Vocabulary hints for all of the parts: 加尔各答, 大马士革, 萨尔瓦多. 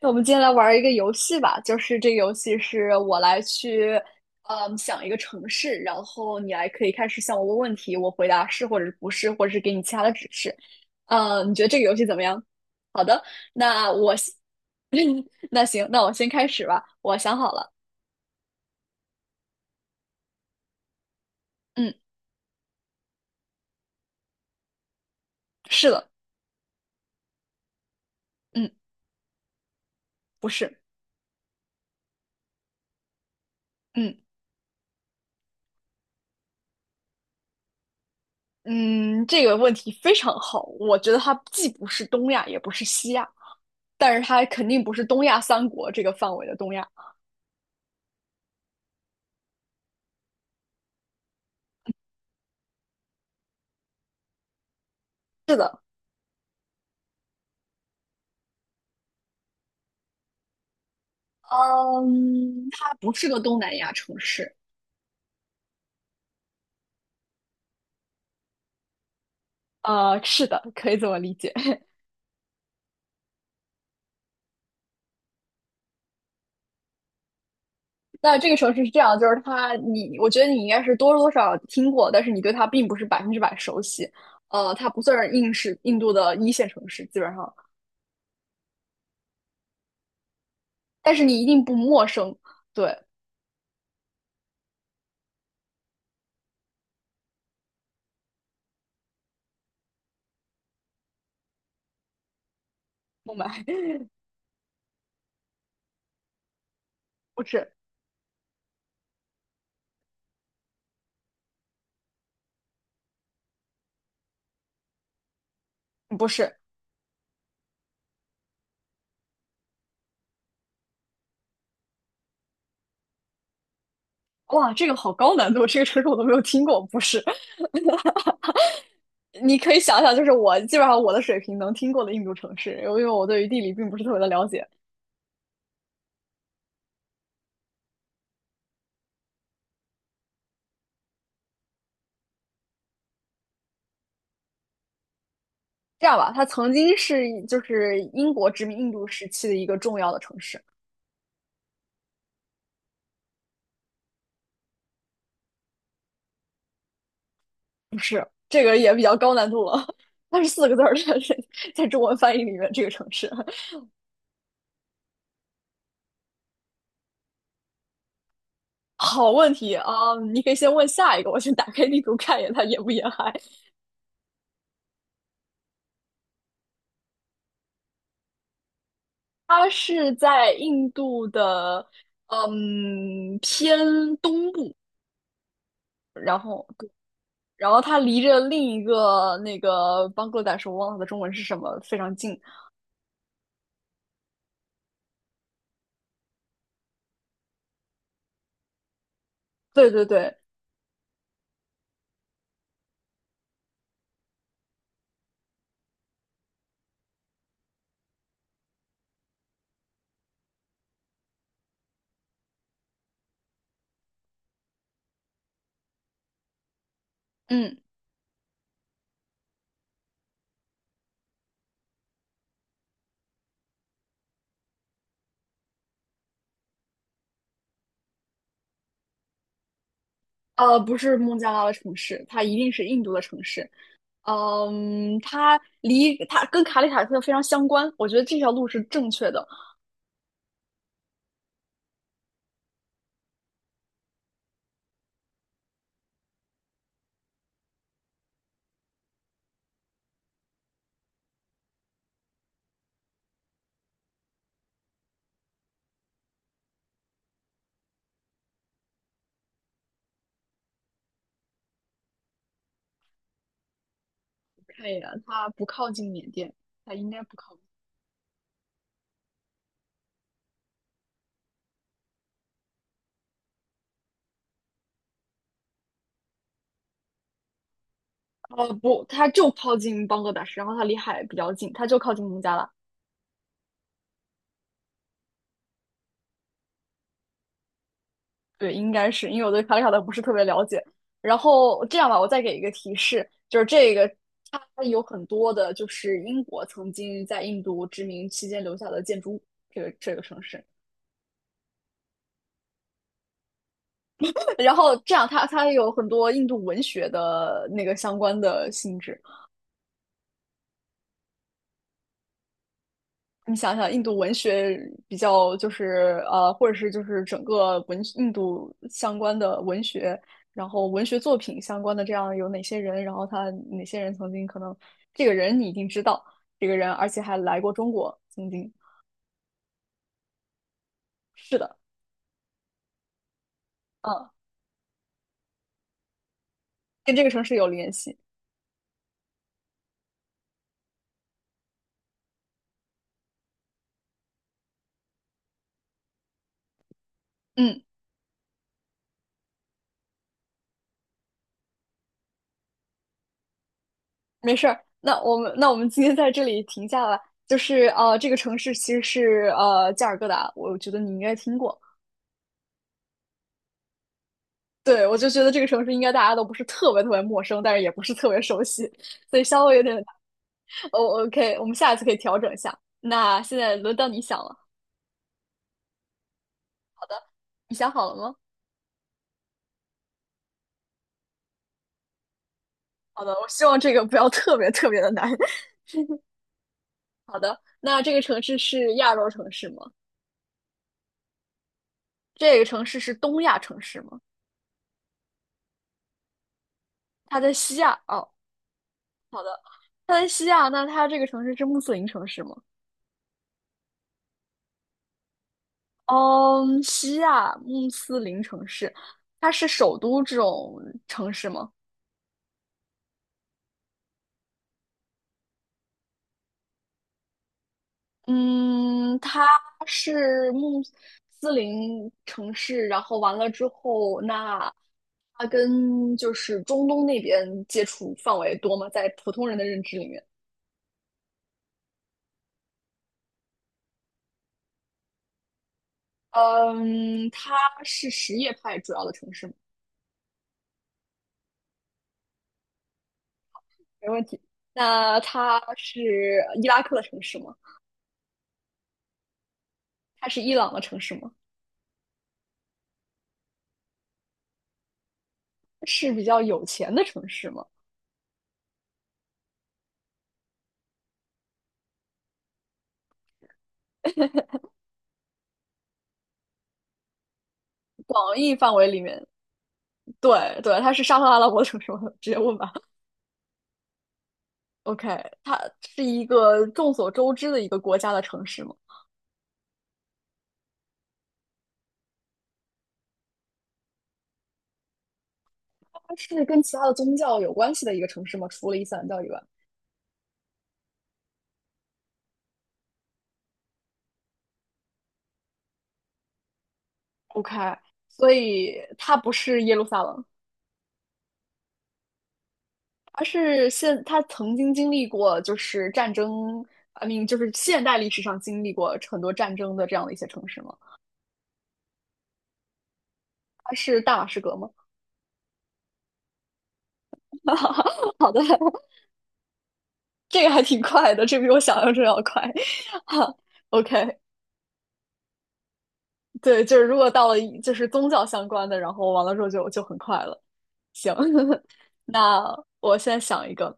那我们今天来玩一个游戏吧，就是这个游戏是我来去，想一个城市，然后你来可以开始向我问问题，我回答是或者是不是，或者是给你其他的指示。你觉得这个游戏怎么样？好的，那我先，那行，那我先开始吧。我想好了，嗯，是的，嗯，不是，嗯嗯，这个问题非常好，我觉得它既不是东亚，也不是西亚，但是它肯定不是东亚三国这个范围的东亚。是的。嗯，它不是个东南亚城市。啊，是的，可以这么理解。那这个城市是这样，就是它，你，我觉得你应该是多多少少听过，但是你对它并不是百分之百熟悉。它不算是印度的一线城市，基本上，但是你一定不陌生。对，不买 不是，不是。哇，这个好高难度，这个城市我都没有听过。不是，你可以想想，就是我基本上我的水平能听过的印度城市，因为我对于地理并不是特别的了解。这样吧，它曾经是就是英国殖民印度时期的一个重要的城市，不是，这个也比较高难度了。它是四个字儿的，在中文翻译里面，这个城市。好问题啊嗯你可以先问下一个，我先打开地图看一眼它沿不沿海。它是在印度的偏东部，然后它离着另一个那个邦格达什，我忘了它的中文是什么，非常近。对对对，嗯。不是孟加拉的城市，它一定是印度的城市。嗯，它跟卡里塔特非常相关，我觉得这条路是正确的。看一眼，它不靠近缅甸，它应该不靠近。呃，不，它就靠近邦格达什，然后它离海比较近，它就靠近孟加拉。对，应该是因为我对卡里塔特不是特别了解。然后这样吧，我再给一个提示，就是这个它有很多的，就是英国曾经在印度殖民期间留下的建筑物，这个城市。然后这样它有很多印度文学的那个相关的性质。你想想，印度文学比较就是或者是就是整个文印度相关的文学，然后文学作品相关的这样有哪些人，然后他哪些人曾经可能这个人你一定知道，这个人而且还来过中国，曾经是的，嗯，跟这个城市有联系，嗯。没事儿，那我们今天在这里停下吧。就是这个城市其实是加尔各答，我觉得你应该听过。对，我就觉得这个城市应该大家都不是特别特别陌生，但是也不是特别熟悉，所以稍微有点。哦，OK,我们下一次可以调整一下。那现在轮到你想了，你想好了吗？好的，我希望这个不要特别特别的难。好的，那这个城市是亚洲城市吗？这个城市是东亚城市吗？它在西亚哦，好的，它在西亚，那它这个城市是穆斯林城市吗？嗯，西亚穆斯林城市，它是首都这种城市吗？嗯，它是穆斯林城市，然后完了之后，那它跟就是中东那边接触范围多吗？在普通人的认知里面，嗯，它是什叶派主要的城市吗没问题。那它是伊拉克的城市吗？它是伊朗的城市吗？是比较有钱的城市吗？广义范围里面，对对，它是沙特阿拉伯城市吗？直接问吧。OK,它是一个众所周知的一个国家的城市吗？它是跟其他的宗教有关系的一个城市吗？除了伊斯兰教以外，OK,所以它不是耶路撒冷，而是现它曾经经历过就是战争啊，你就是现代历史上经历过很多战争的这样的一些城市吗？它是大马士革吗？好的，这个还挺快的，这比我想象中要快。哈，OK,对，就是如果到了就是宗教相关的，然后完了之后就很快了。行，那我现在想一个，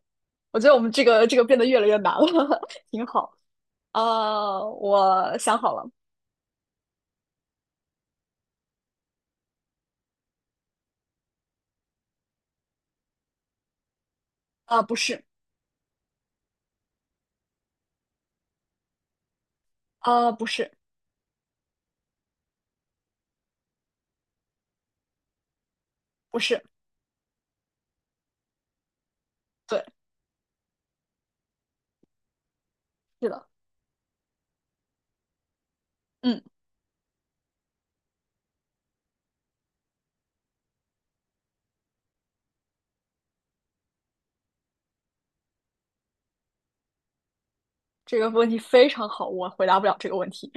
我觉得我们这个变得越来越难了，挺好。啊，我想好了，啊，不是，啊，不是，不是，对，是的，嗯，这个问题非常好，我回答不了这个问题，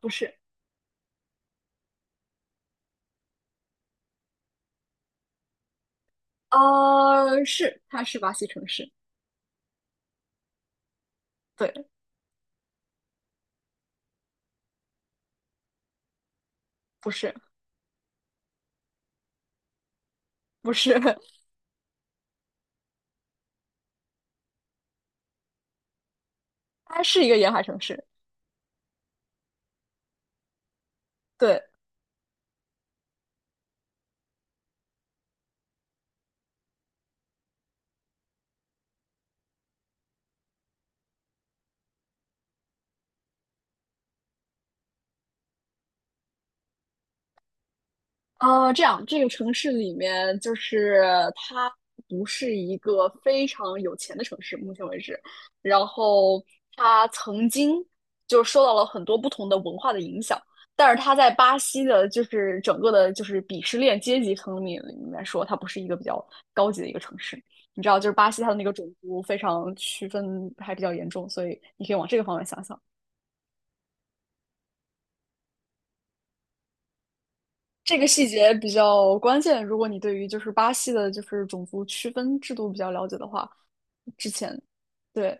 不是，啊，是，它是巴西城市，对，不是，不是。它是一个沿海城市，对，这样这个城市里面就是它不是一个非常有钱的城市，目前为止，然后它曾经就受到了很多不同的文化的影响，但是它在巴西的，就是整个的，就是鄙视链阶级层面里面说，它不是一个比较高级的一个城市。你知道，就是巴西它的那个种族非常区分还比较严重，所以你可以往这个方面想想。这个细节比较关键。如果你对于就是巴西的，就是种族区分制度比较了解的话，之前对，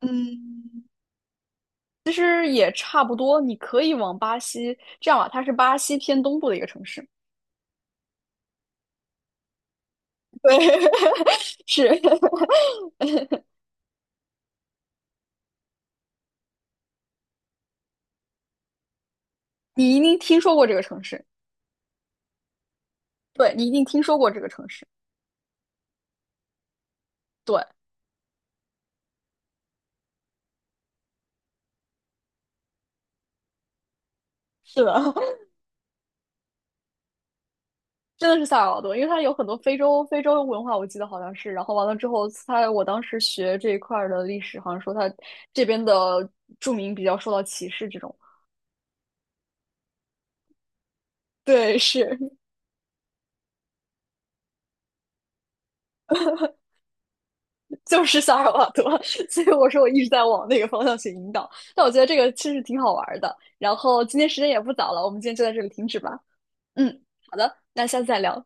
嗯，其实也差不多。你可以往巴西这样吧，它是巴西偏东部的一个城市。对，是 你一定听说过这个城市，对你一定听说过这个城市。对，是的，真的是萨尔瓦多，因为它有很多非洲文化，我记得好像是。然后完了之后，它我当时学这一块儿的历史，好像说它这边的住民比较受到歧视这种。对，是就是萨尔瓦多，所以我说我一直在往那个方向去引导。但我觉得这个其实挺好玩儿的。然后今天时间也不早了，我们今天就在这里停止吧。嗯，好的，那下次再聊。